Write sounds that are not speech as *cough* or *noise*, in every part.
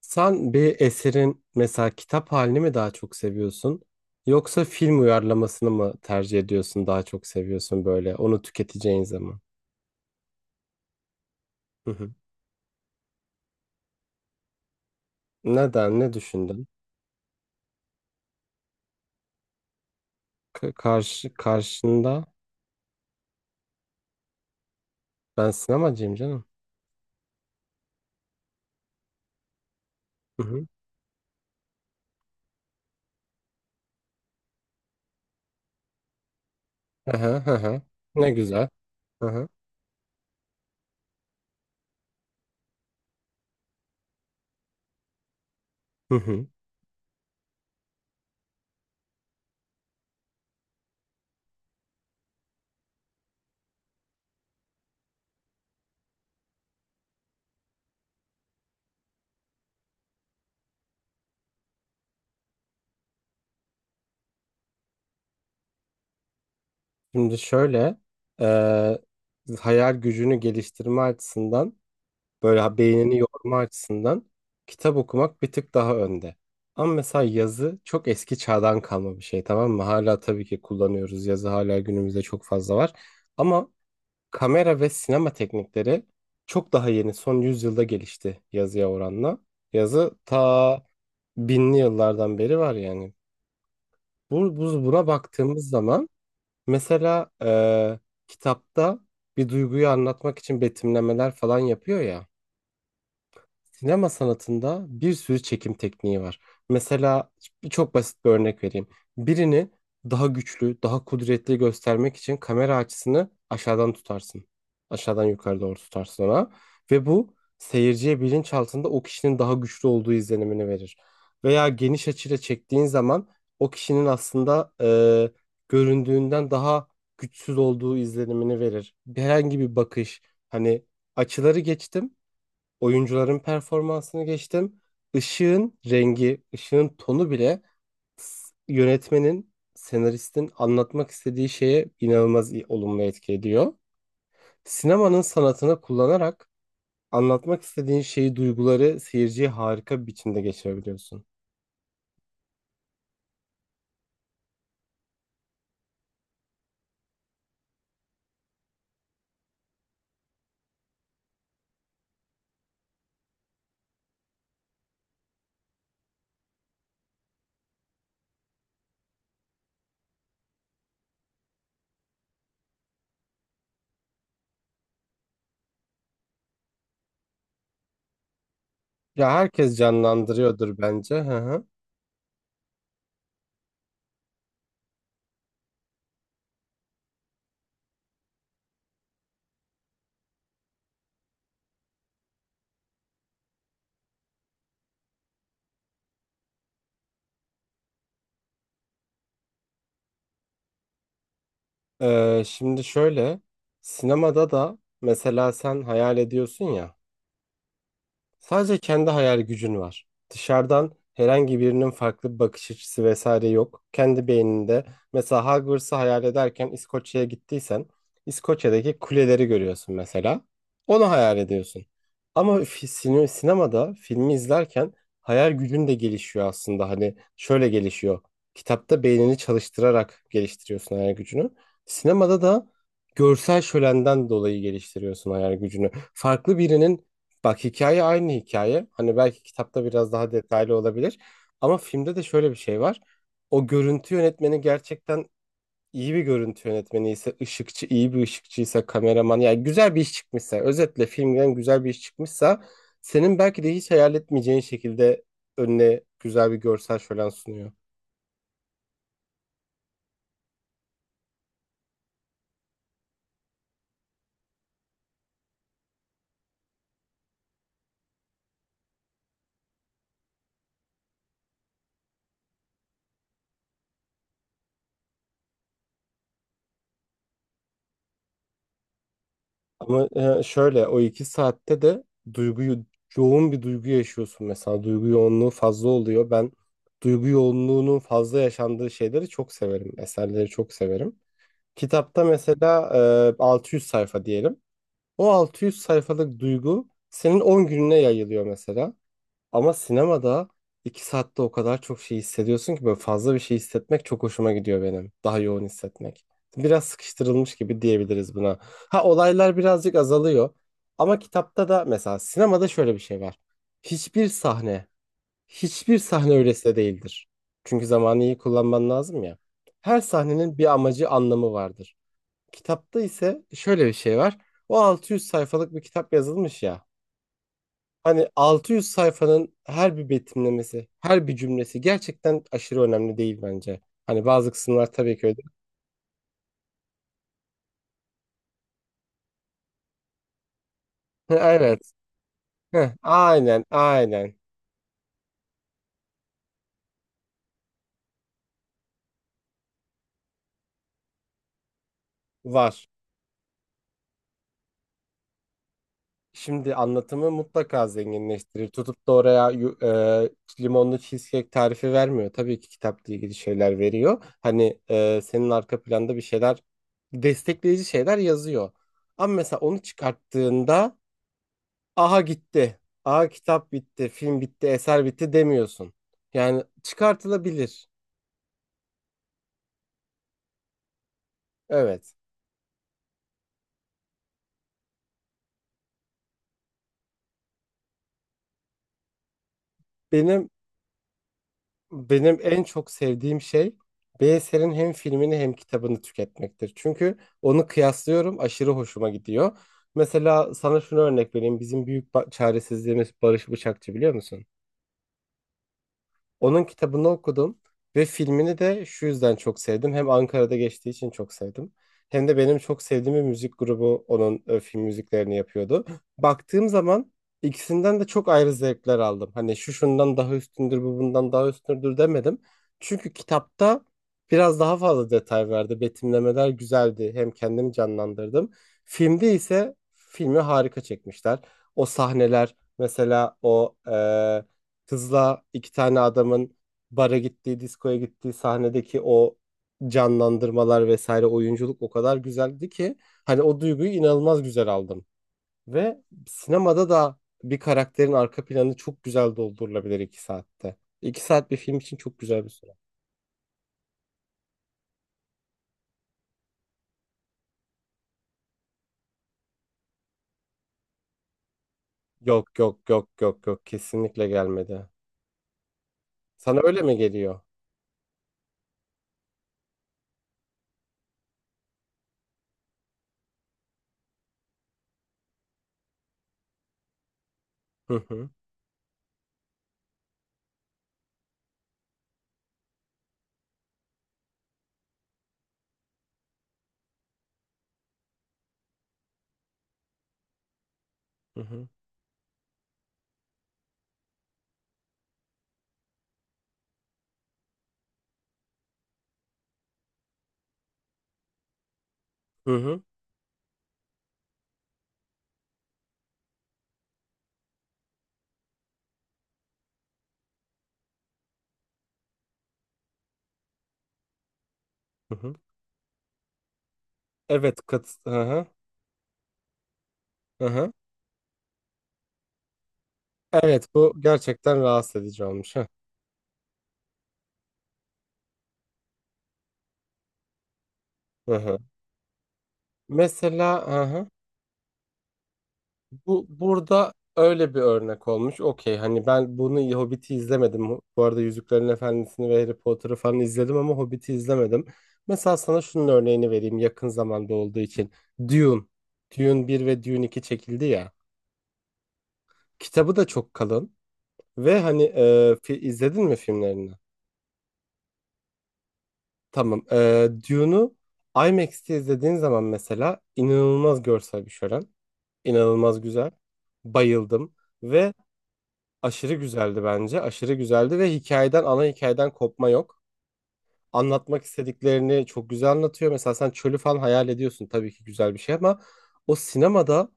Sen bir eserin mesela kitap halini mi daha çok seviyorsun yoksa film uyarlamasını mı tercih ediyorsun daha çok seviyorsun böyle onu tüketeceğin zaman? Hı hı. Neden? Ne düşündün? Karşı karşında ben sinemacıyım canım. Hı hı. Hı hı, hı hı. Ne güzel. Hı hı. Hı hı. Şimdi şöyle, e, hayal gücünü geliştirme açısından, böyle beynini yorma açısından kitap okumak bir tık daha önde. Ama mesela yazı çok eski çağdan kalma bir şey, tamam mı? Hala tabii ki kullanıyoruz. Yazı hala günümüzde çok fazla var. Ama kamera ve sinema teknikleri çok daha yeni. Son yüzyılda gelişti yazıya oranla. Yazı ta binli yıllardan beri var yani. Buna baktığımız zaman mesela kitapta bir duyguyu anlatmak için betimlemeler falan yapıyor ya. Sinema sanatında bir sürü çekim tekniği var. Mesela çok basit bir örnek vereyim. Birini daha güçlü, daha kudretli göstermek için kamera açısını aşağıdan tutarsın. Aşağıdan yukarı doğru tutarsın ona. Ve bu seyirciye bilinçaltında o kişinin daha güçlü olduğu izlenimini verir. Veya geniş açıyla çektiğin zaman o kişinin aslında göründüğünden daha güçsüz olduğu izlenimini verir. Herhangi bir bakış, hani açıları geçtim. Oyuncuların performansını geçtim. Işığın rengi, ışığın tonu bile yönetmenin, senaristin anlatmak istediği şeye inanılmaz olumlu etki ediyor. Sinemanın sanatını kullanarak anlatmak istediğin şeyi, duyguları seyirciye harika bir biçimde geçirebiliyorsun. Ya herkes canlandırıyordur bence. Hı hı. Şimdi şöyle, sinemada da mesela sen hayal ediyorsun ya. Sadece kendi hayal gücün var. Dışarıdan herhangi birinin farklı bir bakış açısı vesaire yok. Kendi beyninde mesela Hogwarts'ı hayal ederken İskoçya'ya gittiysen İskoçya'daki kuleleri görüyorsun mesela. Onu hayal ediyorsun. Ama sinemada filmi izlerken hayal gücün de gelişiyor aslında. Hani şöyle gelişiyor. Kitapta beynini çalıştırarak geliştiriyorsun hayal gücünü. Sinemada da görsel şölenden dolayı geliştiriyorsun hayal gücünü. Farklı birinin... Bak, hikaye aynı hikaye. Hani belki kitapta biraz daha detaylı olabilir. Ama filmde de şöyle bir şey var. O görüntü yönetmeni gerçekten iyi bir görüntü yönetmeni ise, ışıkçı iyi bir ışıkçıysa, kameraman yani güzel bir iş çıkmışsa, özetle filmden güzel bir iş çıkmışsa senin belki de hiç hayal etmeyeceğin şekilde önüne güzel bir görsel şölen sunuyor. Ama şöyle, o iki saatte de duyguyu, yoğun bir duygu yaşıyorsun mesela, duygu yoğunluğu fazla oluyor. Ben duygu yoğunluğunun fazla yaşandığı şeyleri çok severim. Eserleri çok severim. Kitapta mesela 600 sayfa diyelim. O 600 sayfalık duygu senin 10 gününe yayılıyor mesela. Ama sinemada iki saatte o kadar çok şey hissediyorsun ki böyle fazla bir şey hissetmek çok hoşuma gidiyor benim. Daha yoğun hissetmek. Biraz sıkıştırılmış gibi diyebiliriz buna. Ha, olaylar birazcık azalıyor. Ama kitapta da mesela sinemada şöyle bir şey var. Hiçbir sahne, hiçbir sahne öylesine değildir. Çünkü zamanı iyi kullanman lazım ya. Her sahnenin bir amacı, anlamı vardır. Kitapta ise şöyle bir şey var. O 600 sayfalık bir kitap yazılmış ya. Hani 600 sayfanın her bir betimlemesi, her bir cümlesi gerçekten aşırı önemli değil bence. Hani bazı kısımlar tabii ki öyle. *laughs* Evet. Hı, aynen, aynen. Var. Şimdi anlatımı mutlaka zenginleştirir. Tutup da oraya limonlu cheesecake tarifi vermiyor. Tabii ki kitapla ilgili şeyler veriyor. Hani senin arka planda bir şeyler, destekleyici şeyler yazıyor. Ama mesela onu çıkarttığında aha gitti, aha kitap bitti, film bitti, eser bitti demiyorsun. Yani çıkartılabilir. Evet. Benim benim en çok sevdiğim şey bir eserin hem filmini hem kitabını tüketmektir. Çünkü onu kıyaslıyorum, aşırı hoşuma gidiyor. Mesela sana şunu örnek vereyim. Bizim çaresizliğimiz Barış Bıçakçı, biliyor musun? Onun kitabını okudum ve filmini de şu yüzden çok sevdim. Hem Ankara'da geçtiği için çok sevdim. Hem de benim çok sevdiğim bir müzik grubu onun film müziklerini yapıyordu. Baktığım zaman ikisinden de çok ayrı zevkler aldım. Hani şu şundan daha üstündür, bu bundan daha üstündür demedim. Çünkü kitapta biraz daha fazla detay verdi. Betimlemeler güzeldi. Hem kendimi canlandırdım. Filmde ise filmi harika çekmişler. O sahneler mesela o kızla iki tane adamın bara gittiği, diskoya gittiği sahnedeki o canlandırmalar vesaire, oyunculuk o kadar güzeldi ki hani o duyguyu inanılmaz güzel aldım. Ve sinemada da bir karakterin arka planı çok güzel doldurulabilir iki saatte. İki saat bir film için çok güzel bir süre. Yok yok yok yok yok, kesinlikle gelmedi. Sana öyle mi geliyor? Hı hı, hı hı, hı hı. Hı hı. Evet, kat, hı hı, hı hı. Evet, bu gerçekten rahatsız edici olmuş. Hı hı, hı. Mesela aha, bu burada öyle bir örnek olmuş. Okey, hani ben bunu, Hobbit'i izlemedim. Bu arada Yüzüklerin Efendisi'ni ve Harry Potter'ı falan izledim ama Hobbit'i izlemedim. Mesela sana şunun örneğini vereyim yakın zamanda olduğu için. Dune. Dune bir ve Dune iki çekildi ya. Kitabı da çok kalın. Ve hani izledin mi filmlerini? Tamam. E, Dune'u IMAX'te izlediğin zaman mesela inanılmaz görsel bir şölen. İnanılmaz güzel. Bayıldım. Ve aşırı güzeldi bence. Aşırı güzeldi ve hikayeden, ana hikayeden kopma yok. Anlatmak istediklerini çok güzel anlatıyor. Mesela sen çölü falan hayal ediyorsun. Tabii ki güzel bir şey ama o sinemada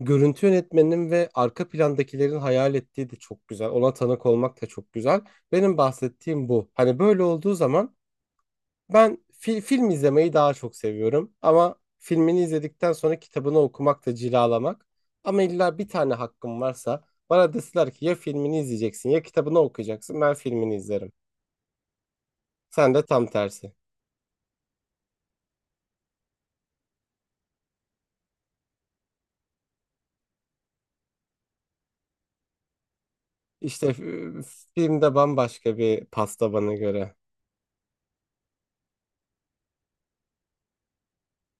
görüntü yönetmeninin ve arka plandakilerin hayal ettiği de çok güzel. Ona tanık olmak da çok güzel. Benim bahsettiğim bu. Hani böyle olduğu zaman ben film izlemeyi daha çok seviyorum ama filmini izledikten sonra kitabını okumak da cilalamak. Ama illa bir tane hakkım varsa, bana deseler ki ya filmini izleyeceksin ya kitabını okuyacaksın, ben filmini izlerim. Sen de tam tersi. İşte filmde bambaşka bir pasta bana göre.